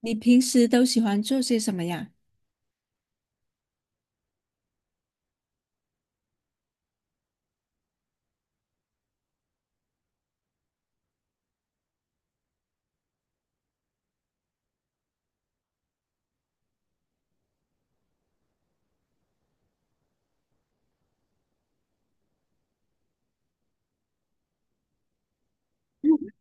你平时都喜欢做些什么呀？嗯，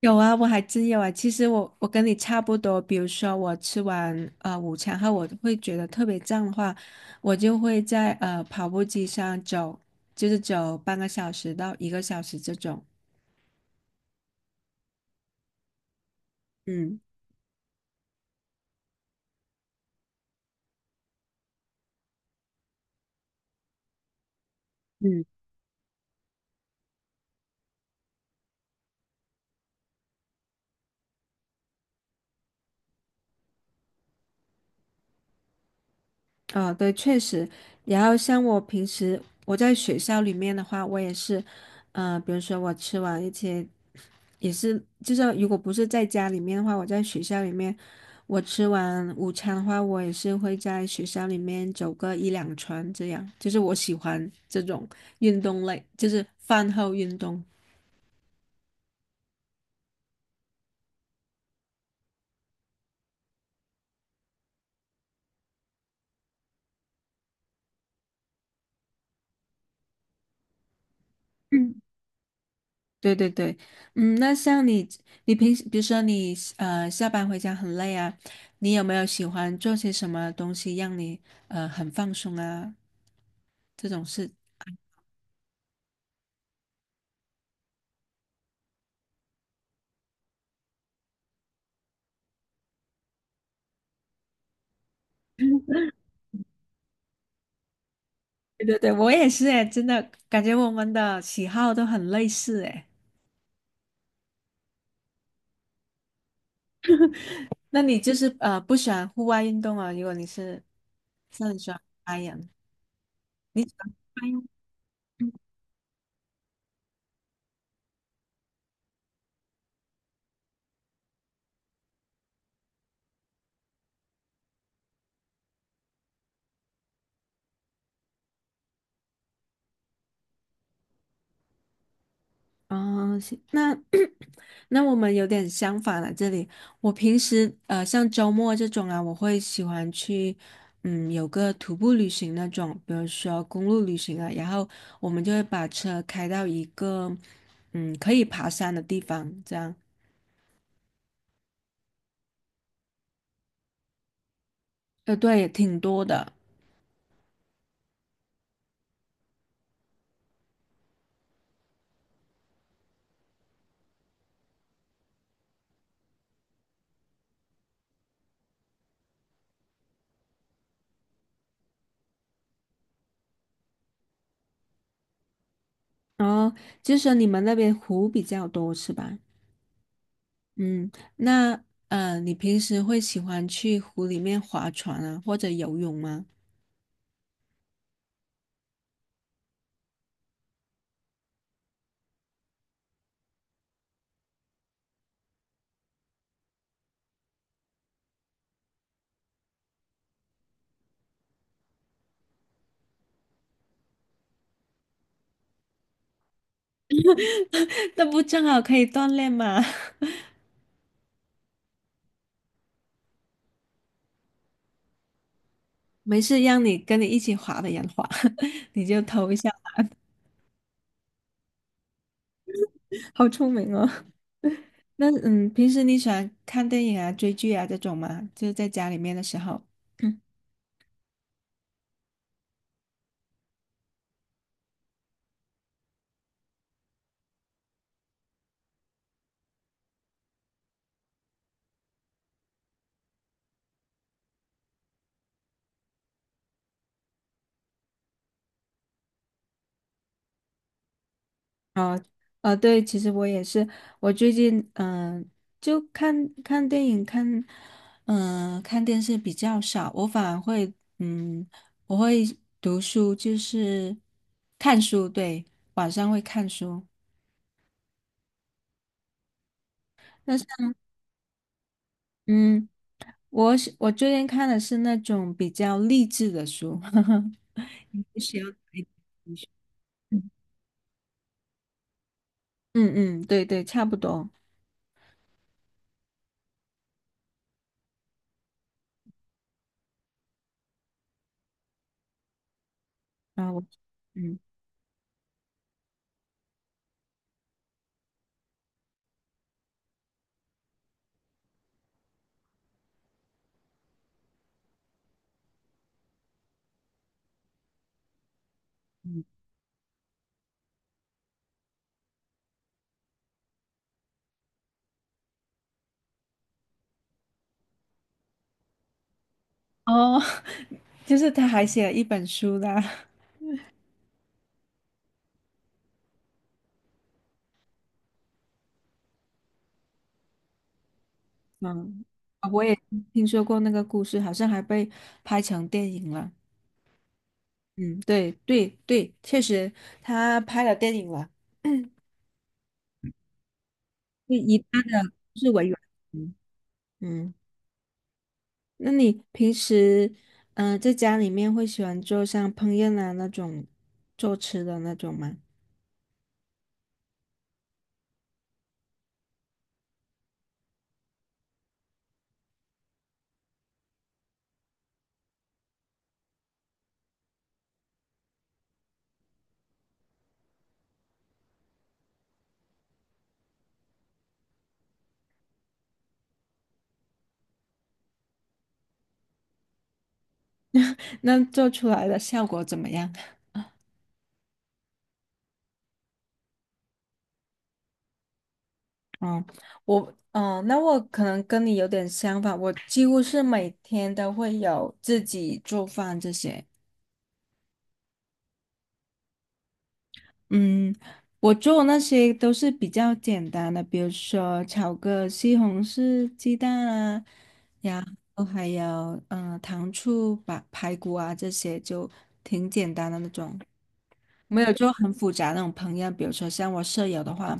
有啊，我还真有啊。其实我跟你差不多，比如说我吃完午餐后，我会觉得特别胀的话，我就会在跑步机上走，就是走半个小时到一个小时这种。嗯。嗯，哦，对，确实。然后像我平时我在学校里面的话，我也是，比如说我吃完一些也是，就是如果不是在家里面的话，我在学校里面，我吃完午餐的话，我也是会在学校里面走个一两圈，这样，就是我喜欢这种运动类，就是饭后运动。嗯，对对对。嗯，那像你平时比如说你下班回家很累啊，你有没有喜欢做些什么东西让你很放松啊？这种事。对对对，我也是诶，真的感觉我们的喜好都很类似诶。那你就是不喜欢户外运动啊？如果你是像你喜欢攀岩，你喜欢攀岩？哦，行那 那我们有点相反了。这里我平时像周末这种啊，我会喜欢去有个徒步旅行那种，比如说公路旅行啊，然后我们就会把车开到一个可以爬山的地方，这样。对，挺多的。哦。就是说你们那边湖比较多是吧？嗯，那你平时会喜欢去湖里面划船啊，或者游泳吗？那不正好可以锻炼吗？没事，让你跟你一起划的人划，你就投一下。好聪明哦！那嗯，平时你喜欢看电影啊、追剧啊这种吗？就是在家里面的时候。啊，对，其实我也是，我最近就看看电影，看电视比较少，我反而会嗯，我会读书，就是看书，对，晚上会看书。但是嗯，我最近看的是那种比较励志的书，呵呵，需要一点书。嗯嗯，嗯，对对，差不多。然后我嗯，哦。就是他还写了一本书啦。嗯。我也听说过那个故事，好像还被拍成电影了。嗯，对对对，确实他拍了电影了，就以他的故事为原型。嗯，那你平时在家里面会喜欢做像烹饪啊那种做吃的那种吗？那做出来的效果怎么样？嗯，我那我可能跟你有点相反，我几乎是每天都会有自己做饭这些。嗯，我做那些都是比较简单的，比如说炒个西红柿鸡蛋啊，然后还有糖醋排骨啊，这些就挺简单的那种，没有做很复杂那种烹饪。比如说像我舍友的话，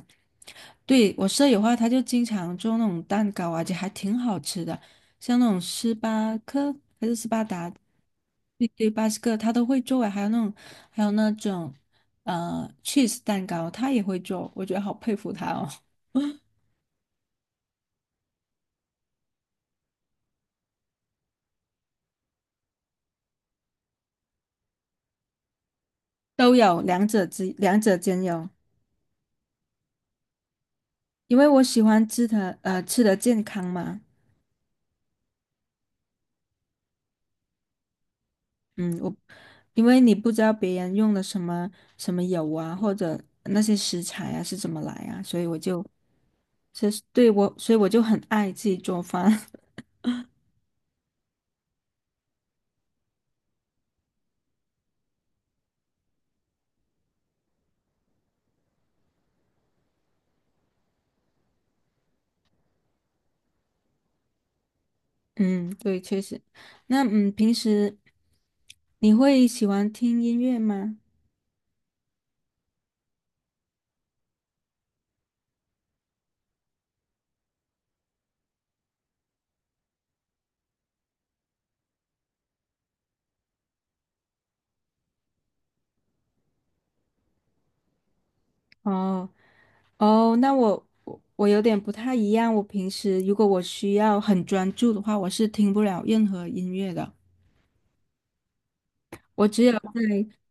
对，我舍友的话，他就经常做那种蛋糕啊，而且还挺好吃的，像那种斯巴克还是斯巴达，对对，巴斯克他都会做啊，还有那种cheese 蛋糕，他也会做，我觉得好佩服他哦。都有两者兼有，因为我喜欢吃的健康嘛。嗯，我因为你不知道别人用的什么什么油啊，或者那些食材啊是怎么来啊，所以我就。其实对我，所以我就很爱自己做饭。嗯，对，确实。那嗯，平时你会喜欢听音乐吗？哦。哦，那我有点不太一样。我平时如果我需要很专注的话，我是听不了任何音乐的。我只有在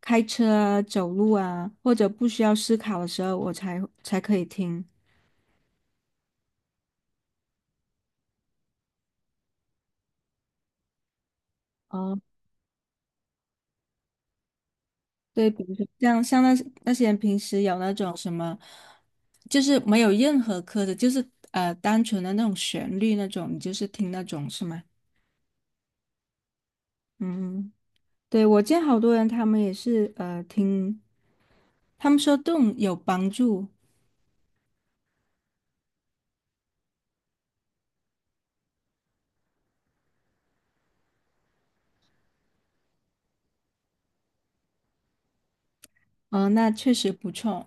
开车啊、走路啊，或者不需要思考的时候，我才可以听。对，比如说像那些人平时有那种什么，就是没有任何歌的，就是单纯的那种旋律那种，你就是听那种是吗？嗯，对，我见好多人他们也是听，他们说动有帮助。嗯、那确实不错。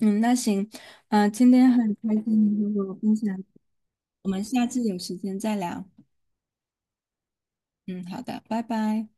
嗯，那行，今天很开心你和我分享，我们下次有时间再聊。嗯，好的，拜拜。